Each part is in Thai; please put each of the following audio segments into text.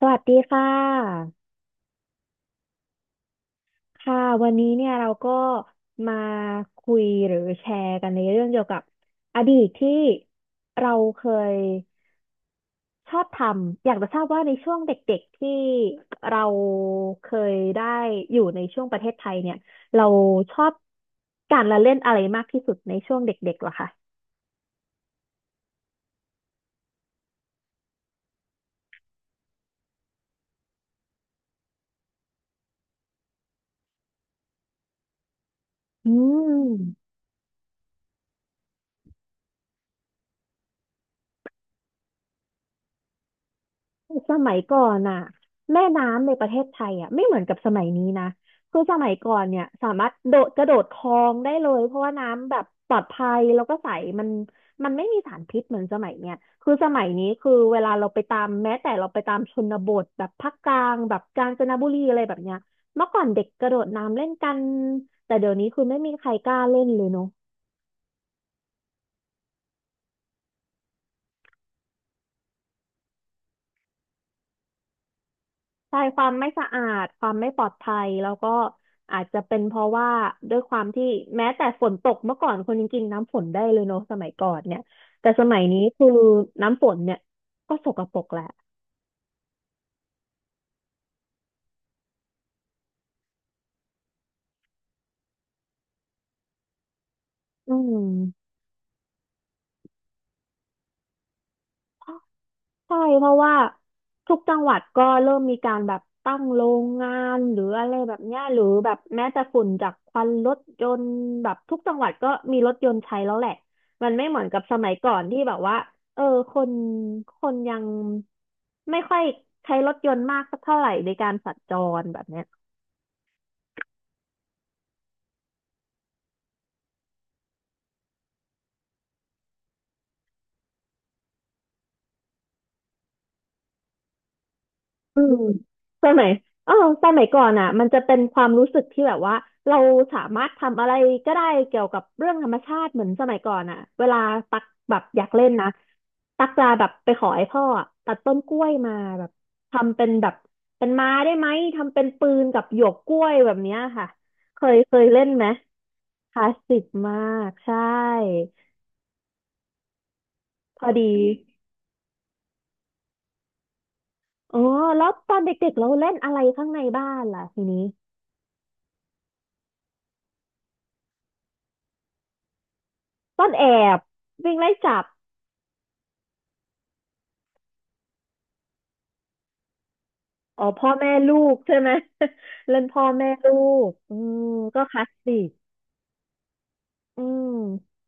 สวัสดีค่ะค่ะวันนี้เนี่ยเราก็มาคุยหรือแชร์กันในเรื่องเกี่ยวกับอดีตที่เราเคยชอบทำอยากจะทราบว่าในช่วงเด็กๆที่เราเคยได้อยู่ในช่วงประเทศไทยเนี่ยเราชอบการละเล่นอะไรมากที่สุดในช่วงเด็กๆเหรอคะอืม สมัยก่อนน่ะแม่น้ำในประเทศไทยอ่ะไม่เหมือนกับสมัยนี้นะคือสมัยก่อนเนี่ยสามารถโดดกระโดดคลองได้เลยเพราะว่าน้ำแบบปลอดภัยแล้วก็ใสมันมันไม่มีสารพิษเหมือนสมัยเนี่ยคือสมัยนี้คือเวลาเราไปตามแม้แต่เราไปตามชนบทแบบภาคกลางแบบกาญจนบุรีอะไรแบบเนี้ยเมื่อก่อนเด็กกระโดดน้ำเล่นกันแต่เดี๋ยวนี้คือไม่มีใครกล้าเล่นเลยเนาะ ใช่ความไม่สะอาดความไม่ปลอดภัยแล้วก็อาจจะเป็นเพราะว่าด้วยความที่แม้แต่ฝนตกเมื่อก่อนคนยังกินน้ำฝนได้เลยเนอะสมัยก่อนเนี่ยแต่สมัยนี้คือน้ำฝนเนี่ยก็สกปรกแหละอืม ใช่เพราะว่าทุกจังหวัดก็เริ่มมีการแบบตั้งโรงงานหรืออะไรแบบเนี้ยหรือแบบแม้แต่ฝุ่นจากควันรถยนต์แบบทุกจังหวัดก็มีรถยนต์ใช้แล้วแหละมันไม่เหมือนกับสมัยก่อนที่แบบว่าเออคนคนยังไม่ค่อยใช้รถยนต์มากสักเท่าไหร่ในการสัญจรแบบเนี้ย อืมสมัยเออสมัยก่อนอ่ะมันจะเป็นความรู้สึกที่แบบว่าเราสามารถทำอะไรก็ได้เกี่ยวกับเรื่องธรรมชาติเหมือนสมัยก่อนอ่ะเวลาตักแบบอยากเล่นนะตักจะแบบไปขอไอ้พ่ออะตัดต้นกล้วยมาแบบทำเป็นแบบเป็นไม้ได้ไหมทำเป็นปืนกับหยวกกล้วยแบบเนี้ยค่ะเคยเล่นไหมคลาสสิกมากใช่พอดีอ๋อแล้วตอนเด็กๆเราเล่นอะไรข้างในบ้านล่ะทีนี้ต้นแอบวิ่งไล่จับ อ๋อพ่อแม่ลูกใช่ไหม เล่นพ่อแม่ลูกอืมก็คลาสสิกอืม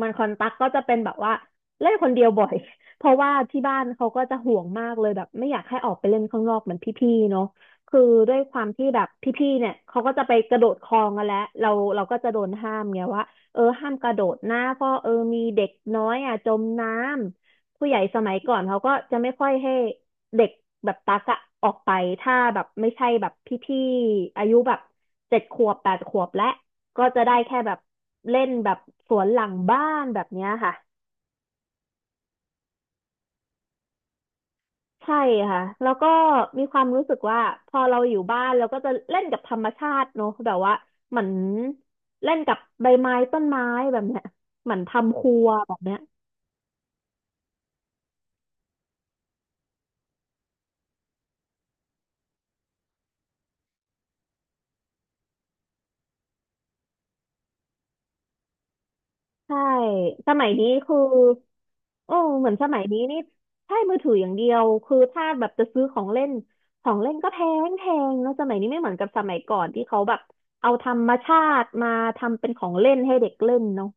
มันคอนตักก็จะเป็นแบบว่าเล่นคนเดียวบ่อย เพราะว่าที่บ้านเขาก็จะห่วงมากเลยแบบไม่อยากให้ออกไปเล่นข้างนอกเหมือนพี่ๆเนาะคือด้วยความที่แบบพี่ๆเนี่ยเขาก็จะไปกระโดดคลองกันแล้วเราก็จะโดนห้ามไงว่าห้ามกระโดดนะเพราะมีเด็กน้อยอ่ะจมน้ำผู้ใหญ่สมัยก่อนเขาก็จะไม่ค่อยให้เด็กแบบตักอะออกไปถ้าแบบไม่ใช่แบบพี่ๆอายุแบบเจ็ดขวบแปดขวบและ ก็จะได้แค่แบบเล่นแบบสวนหลังบ้านแบบเนี้ยค่ะใช่ค่ะแล้วก็มีความรู้สึกว่าพอเราอยู่บ้านเราก็จะเล่นกับธรรมชาติเนอะแบบว่าเหมือนเล่นกับใบไม้ต้นไม้แบบเนี้ยเหมือนทำครัวแบบเนี้ย ใช่สมัยนี้คือโอ้เหมือนสมัยนี้นี่ใช่มือถืออย่างเดียวคือถ้าแบบจะซื้อของเล่นของเล่นก็แพงแพงเนอะสมัยนี้ไม่เหมือนกับสมัยก่อนที่เขาแบบเอาธรรมชาติมาทำเป็นของเล่นให้เด็กเล่นเนาะ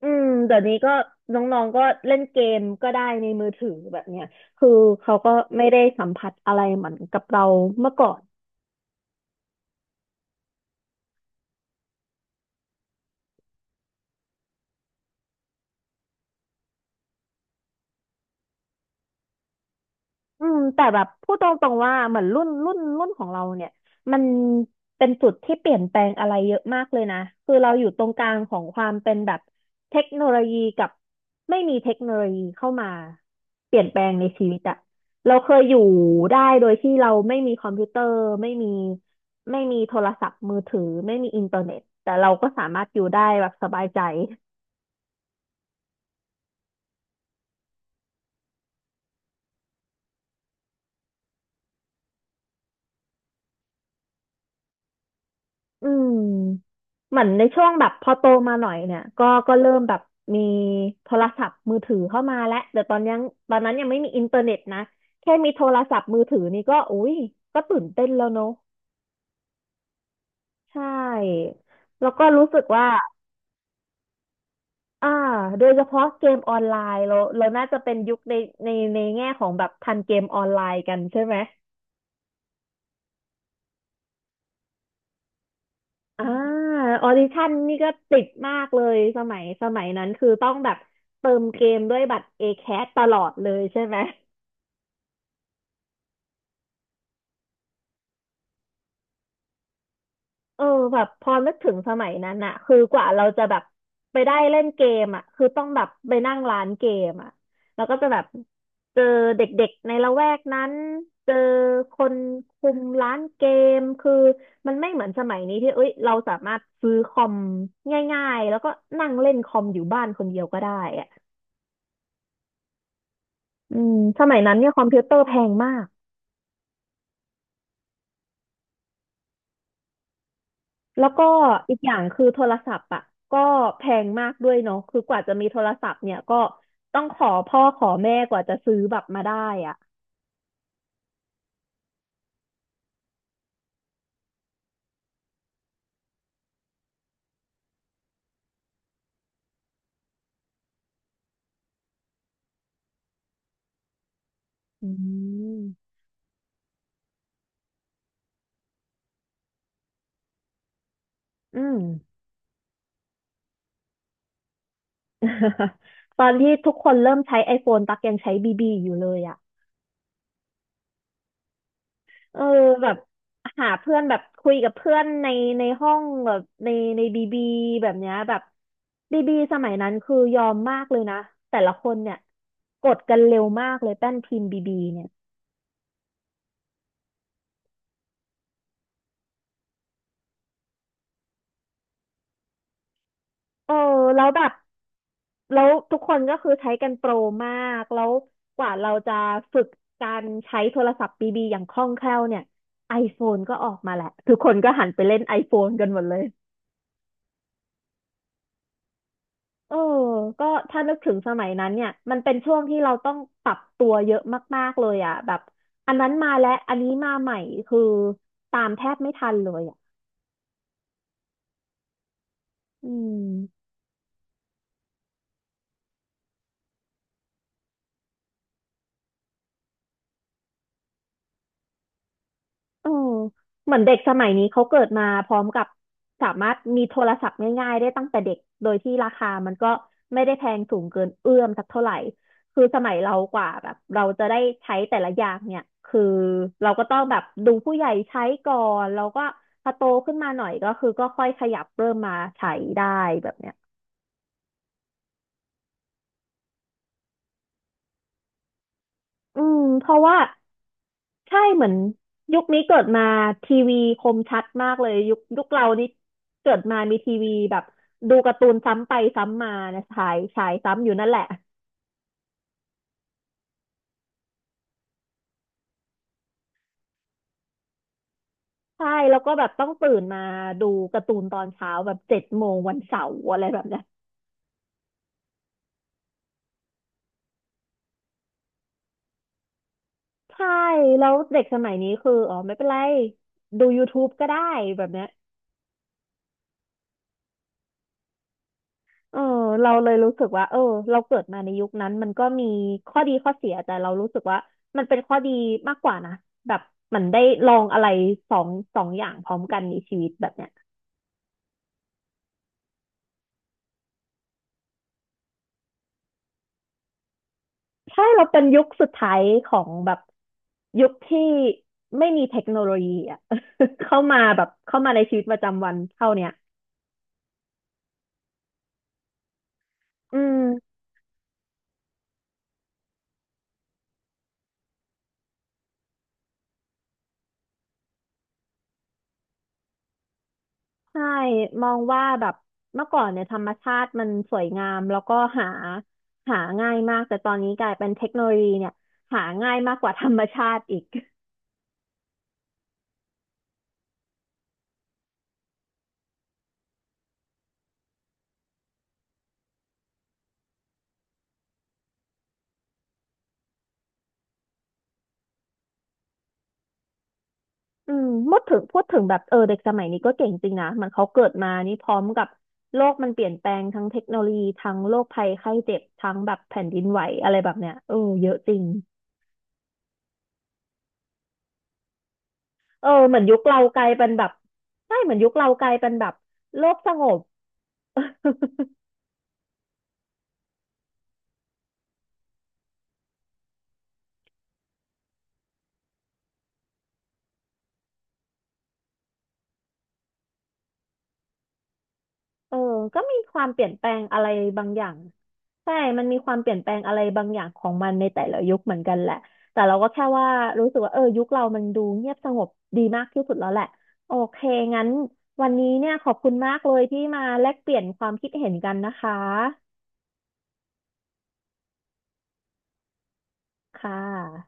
อืมเดี๋ยวนี้ก็น้องๆก็เล่นเกมก็ได้ในมือถือแบบเนี้ยคือเขาก็ไม่ได้สัมผัสอะไรเหมือนกับเราเมื่อก่อน อืมแต่แบบพูดตรงๆว่าเหมือนรุ่นของเราเนี่ยมันเป็นจุดที่เปลี่ยนแปลงอะไรเยอะมากเลยนะคือเราอยู่ตรงกลางของความเป็นแบบเทคโนโลยีกับไม่มีเทคโนโลยีเข้ามาเปลี่ยนแปลงในชีวิตอะเราเคยอยู่ได้โดยที่เราไม่มีคอมพิวเตอร์ไม่มีไม่มีโทรศัพท์มือถือไม่มีอินเทอร์เน็ตแต่เราก็สามารถอยู่ได้แบบสบายใจ อืมเหมือนในช่วงแบบพอโตมาหน่อยเนี่ยก็เริ่มแบบมีโทรศัพท์มือถือเข้ามาแล้วแต่ตอนนั้นยังไม่มีอินเทอร์เน็ตนะแค่มีโทรศัพท์มือถือนี่ก็อุ้ยก็ตื่นเต้นแล้วเนอะใช่แล้วก็รู้สึกว่าอ่าโดยเฉพาะเกมออนไลน์เราน่าจะเป็นยุคในแง่ของแบบทันเกมออนไลน์กันใช่ไหม อ่าออดิชั่นนี่ก็ติดมากเลยสมัยนั้นคือต้องแบบเติมเกมด้วยบัตร ACAT ตลอดเลยใช่ไหมเออแบบพอนึกถึงสมัยนั้นอะคือกว่าเราจะแบบไปได้เล่นเกมอะคือต้องแบบไปนั่งร้านเกมอะแล้วก็จะแบบเจอเด็กๆในละแวกนั้นเจอคนคุมร้านเกมคือมันไม่เหมือนสมัยนี้ที่เอ้ยเราสามารถซื้อคอมง่ายๆแล้วก็นั่งเล่นคอมอยู่บ้านคนเดียวก็ได้อะ อืมสมัยนั้นเนี่ยคอมพิวเตอร์แพงมาก แล้วก็อีกอย่างคือโทรศัพท์อ่ะก็แพงมากด้วยเนาะคือกว่าจะมีโทรศัพท์เนี่ยก็ต้องขอพ่อขอแม่กว่าจะซื้อแบบมาได้อ่ะอืมอืม ตอนที่ทุกคนเริ่มใช้ iPhone ตักยังใช้บีบีอยู่เลยอ่ะ เออแบบหาเพื่อนแบบคุยกับเพื่อนในห้องแบบในบีบีแบบเนี้ยแบบบีบีสมัยนั้นคือยอมมากเลยนะแต่ละคนเนี่ยกดกันเร็วมากเลยแป้นพิมพ์บีบีเนี่ยเออแล้วแบบแล้วทุกคนก็คือใช้กันโปรมากแล้วกว่าเราจะฝึกการใช้โทรศัพท์บีบีอย่างคล่องแคล่วเนี่ย iPhone ก็ออกมาแหละทุกคนก็หันไปเล่น iPhone กันหมดเลย เออก็ถ้านึกถึงสมัยนั้นเนี่ย มันเป็นช่วงที่เราต้องปรับตัวเยอะมากๆเลยอ่ะแบบอันนั้นมาแล้ว อันนี้มาใหม่ คือตามแทบไม่ทันเลยอ่ะอืม เออเหมือนเด็กสมัยนี้เขาเกิดมาพร้อมกับสามารถมีโทรศัพท์ง่ายๆได้ตั้งแต่เด็กโดยที่ราคามันก็ไม่ได้แพงสูงเกินเอื้อมสักเท่าไหร่คือสมัยเรากว่าแบบเราจะได้ใช้แต่ละอย่างเนี่ยคือเราก็ต้องแบบดูผู้ใหญ่ใช้ก่อนเราก็พอโตขึ้นมาหน่อยก็คือก็ค่อยขยับเริ่มมาใช้ได้แบบเนี้ยอืมเพราะว่า ใช่เหมือนยุคนี้เกิดมาทีวีคมชัดมากเลยยุคเรานี่เกิดมามีทีวีแบบดูการ์ตูนซ้ำไปซ้ำมานะฉายซ้ำอยู่นั่นแหละใช่แล้วก็แบบต้องตื่นมาดูการ์ตูนตอนเช้าแบบ7 โมงวันเสาร์อะไรแบบเนี้ยใช่แล้วเด็กสมัยนี้คืออ๋อไม่เป็นไรดู YouTube ก็ได้แบบเนี้ย เออเราเลยรู้สึกว่าเออเราเกิดมาในยุคนั้นมันก็มีข้อดีข้อเสียแต่เรารู้สึกว่ามันเป็นข้อดีมากกว่านะแบบเหมันได้ลองอะไรสองสองอย่างพร้อมกันในชีวิตแบบเนี้ยใช่เราเป็นยุคสุดท้ายของแบบยุคที่ไม่มีเทคโนโลยีอ่ะ เข้ามาแบบเข้ามาในชีวิตประจำวันเท่าเนี้ยอืม ใช่มองว่าแบบเมื่อก่อนเนี่ยธรรมชาติมันสวยงามแล้วก็หาหาง่ายมากแต่ตอนนี้กลายเป็นเทคโนโลยีเนี่ยหาง่ายมากกว่าธรรมชาติอีก อืมพูดถึงแบบเออเด็กสมัยนี้ก็เก่งจริงนะมันเขาเกิดมานี่พร้อมกับโลกมันเปลี่ยนแปลงทั้งเทคโนโลยีทั้งโรคภัยไข้เจ็บทั้งแบบแผ่นดินไหวอะไรแบบเนี้ยเออเยอะจริงเออเหมือนยุคเรากลายเป็นแบบใช่เหมือนยุคเรากลายเป็นแบบโลกสงบ เออก็มีความเปลี่ยนแปลงอะไรบางอย่างใช่มันมีความเปลี่ยนแปลงอะไรบางอย่างของมันในแต่ละยุคเหมือนกันแหละแต่เราก็แค่ว่ารู้สึกว่าเออยุคเรามันดูเงียบสงบดีมากที่สุดแล้วแหละโอเคงั้นวันนี้เนี่ยขอบคุณมากเลยที่มาแลกเปลี่ยนความคิดเห็นกันนะคะค่ะ